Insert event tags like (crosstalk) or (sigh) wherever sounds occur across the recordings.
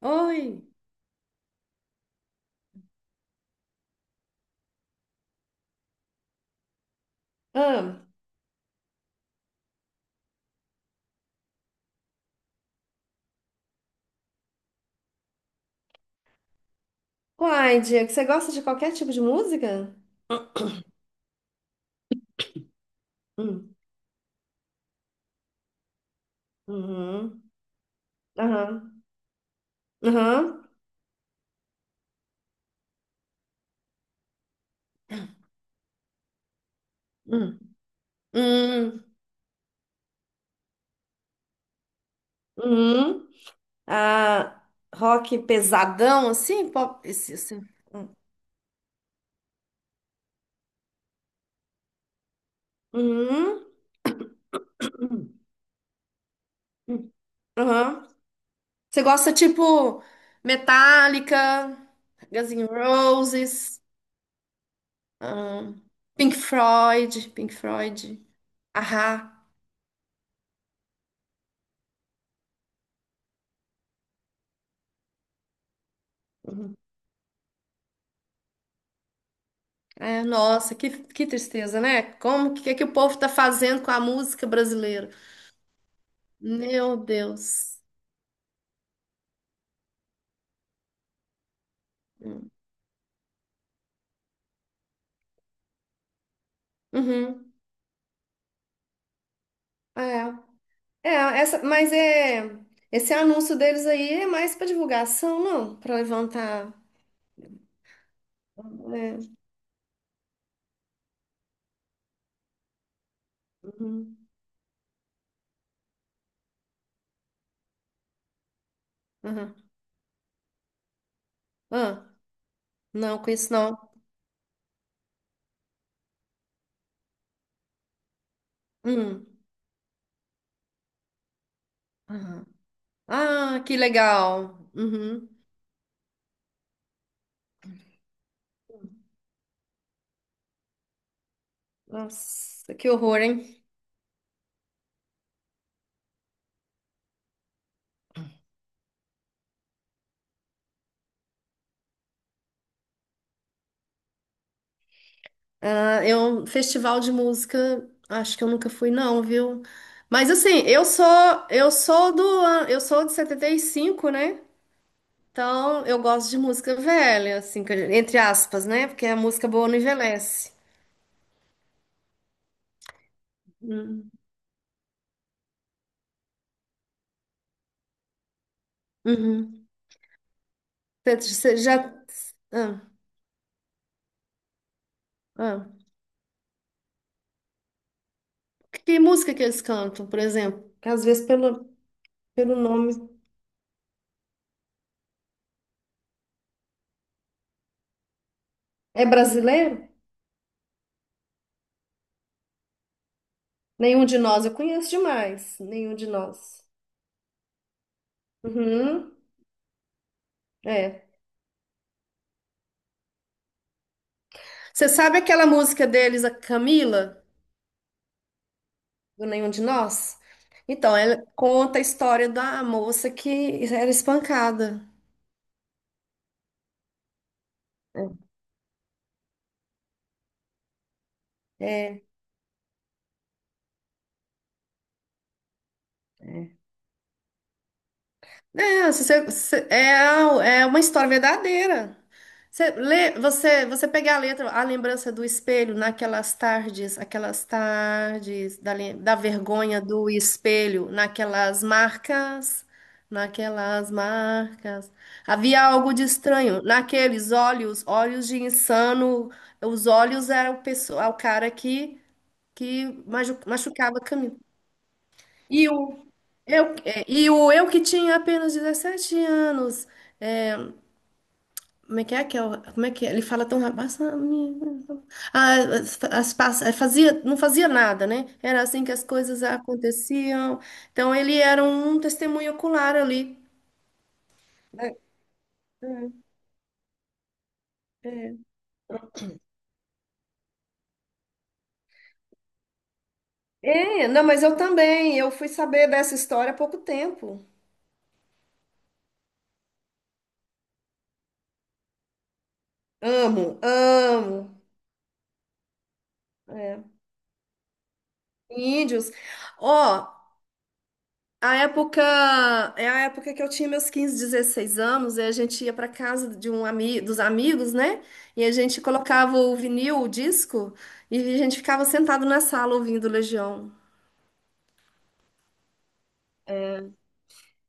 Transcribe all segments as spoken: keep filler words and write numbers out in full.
Oi. Ah, uai, Diego, você gosta de qualquer tipo de música? Hum, uhum, aham, aham, hum, hum, uhum. Ah, rock pesadão, assim? Pop, esse, esse, hum, uhum, hum, hum, aham. Você gosta, tipo, Metallica, Guns N' Roses, ahn, Pink Floyd, Pink Floyd, Ahá. Uhum. É, nossa, que, que tristeza, né? Como que, que o povo está fazendo com a música brasileira? Meu Deus. Uhum. É, é essa, mas é esse anúncio deles aí é mais para divulgação, não? Para levantar. É, uhum, uhum. Ah, não, com isso não. Hum, uhum. Ah, que legal. Uhum. Nossa, que horror, hein? Ah, é um festival de música, acho que eu nunca fui não, viu? Mas assim, eu sou eu sou do an- eu sou de setenta e cinco, né? Então, eu gosto de música velha, assim, que- entre aspas, né? Porque a música boa não envelhece. Hum, Uhum. Você você já ah, ah. Que música que eles cantam, por exemplo? Que às vezes pelo pelo nome é brasileiro? Nenhum de Nós eu conheço demais, Nenhum de Nós. Uhum. É. Você sabe aquela música deles, a Camila, do Nenhum de Nós? Então, ela conta a história da moça que era espancada. É, é. É, se você, se- é, a- é uma história verdadeira. Você lê, você, você pega a letra, a lembrança do espelho naquelas tardes, aquelas tardes da, lem- da vergonha do espelho, naquelas marcas, naquelas marcas. Havia algo de estranho naqueles olhos, olhos de insano. Os olhos eram o, pessoa, o cara que, que maju- machucava a e o eu, é, e o eu que tinha apenas dezessete anos. É, como é que é que é? Como é que é? Ele fala tão rápido. Ah, as- as pass- é, fazia, não fazia nada, né? Era assim que as coisas aconteciam. Então ele era um testemunho ocular ali. É, é. É, não, mas eu também. Eu fui saber dessa história há pouco tempo. Amo, amo. É, Índios. Ó, a época, é a época que eu tinha meus quinze, dezesseis anos, e a gente ia para casa de um ami, dos amigos, né? E a gente colocava o vinil, o disco, e a gente ficava sentado na sala ouvindo Legião.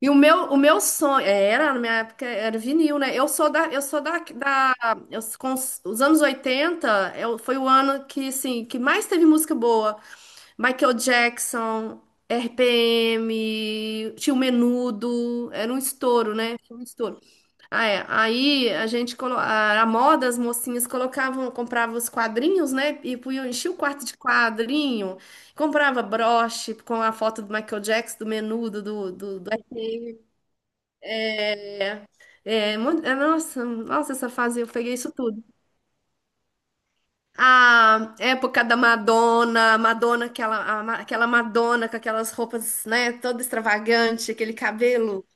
E o meu, o meu sonho, é, era, na minha época era vinil, né? Eu sou da, eu sou da, da eu, com os os anos oitenta eu, foi o ano que, assim, que mais teve música boa. Michael Jackson, R P M, tinha o Menudo, era um estouro, né? Tinha um estouro. Ah, é. Aí a gente colo... a a moda, as mocinhas colocavam, compravam os quadrinhos, né? E punham, enchia o quarto de quadrinho, comprava broche com a foto do Michael Jackson, do Menudo, do, do, do... É, mon- é, nossa, nossa, essa fase eu peguei isso tudo. A época da Madonna, Madonna, aquela, a ma- aquela Madonna com aquelas roupas, né, toda extravagante, aquele cabelo,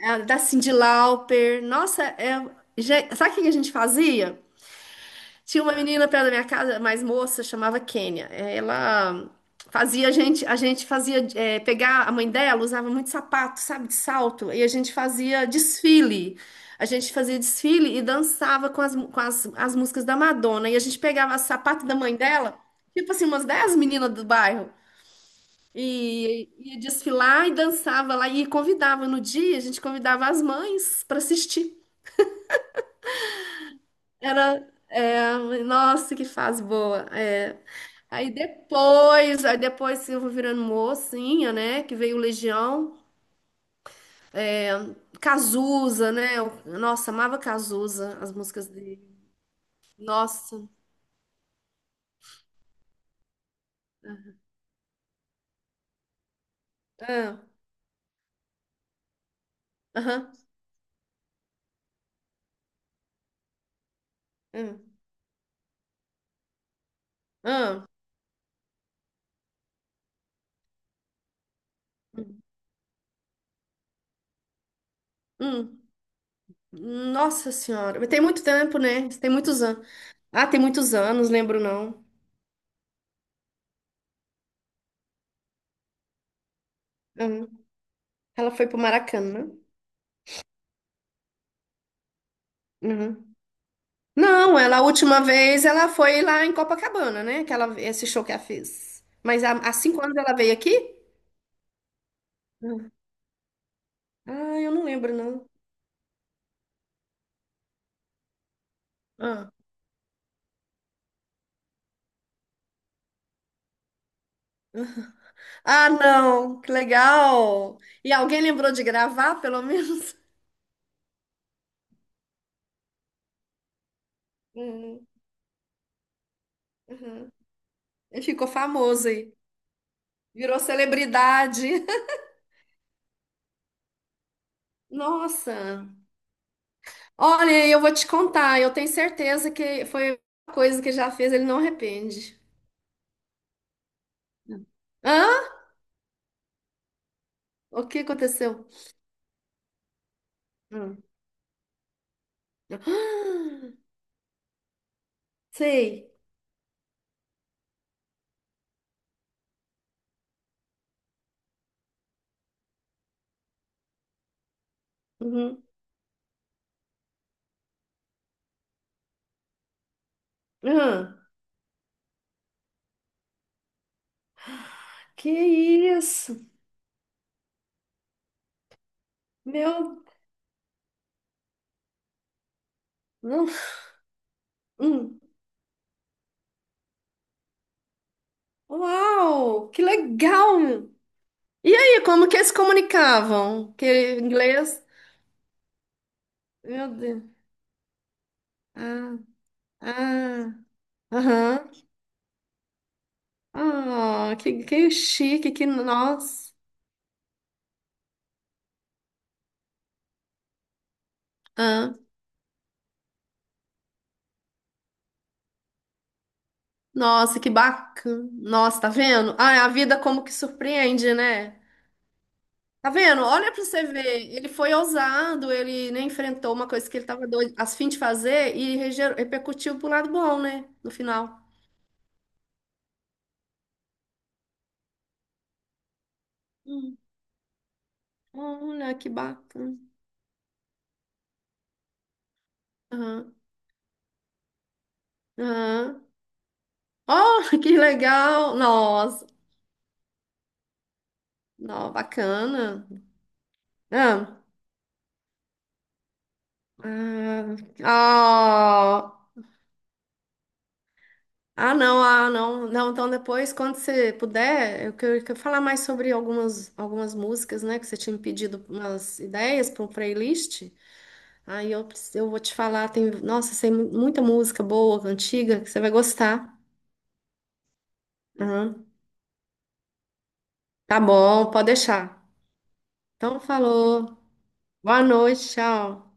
a da Cyndi Lauper. Nossa, é, já- sabe o que a gente fazia? Tinha uma menina perto da minha casa, mais moça, chamava Kênia. É, ela fazia a gente, a gente fazia é, pegar a mãe dela usava muito sapato, sabe, de salto, e a gente fazia desfile. A gente fazia desfile e dançava com as, com as, as músicas da Madonna. E a gente pegava sapato da mãe dela, tipo assim, umas dez meninas do bairro, e ia desfilar e dançava lá. E convidava no dia, a gente convidava as mães para assistir. Era, é, nossa, que fase boa. É, aí depois, aí depois eu vou virando mocinha, né? Que veio o Legião. Cazuza, né? eu- Nossa, amava Cazuza, as músicas dele. Nossa. Ah, aham. Ah, ah, hum, hum. Nossa Senhora. Mas tem muito tempo, né? Tem muitos anos. Ah, tem muitos anos, lembro não. Uhum. Ela foi pro Maracanã. Uhum. Não, ela a última vez ela foi lá em Copacabana, né? Que ela, esse show que ela fez. Mas há, há cinco anos ela veio aqui? Ah, eu não lembro, não. Ah. Ah, não, que legal! E alguém lembrou de gravar, pelo menos? (laughs) Hum, uhum. Ele ficou famoso aí, virou celebridade. (laughs) Nossa! Olha, eu vou te contar, eu tenho certeza que foi uma coisa que já fez, ele não arrepende. Hã? O que aconteceu? Hum. (gasps) Ah, sei. Uhum. Uhum. Que isso? Meu. Não. Hum. Uau! Que legal! E aí, como que eles se comunicavam? Que inglês? Meu Deus. Ah, ah, aham. Ah, que, que chique, que nossa. Ah, nossa, que bacana. Nossa, tá vendo? Ah, a vida como que surpreende, né? Tá vendo? Olha pra você ver. Ele foi ousado, ele nem enfrentou uma coisa que ele tava doido, a fim de fazer e reger- repercutiu pro lado bom, né? No final. Hum, olha, que bacana. Aham, aham. Oh, (laughs) que legal! Nossa, não, bacana. Ah, ah, oh. Ah, não, ah, não, não. Então depois, quando você puder, eu quero, quero falar mais sobre algumas, algumas músicas, né? Que você tinha me pedido umas ideias para um playlist. Aí eu, preciso- eu vou te falar, tem, nossa, tem muita música boa, antiga, que você vai gostar. Aham. Tá bom, pode deixar. Então falou. Boa noite, tchau.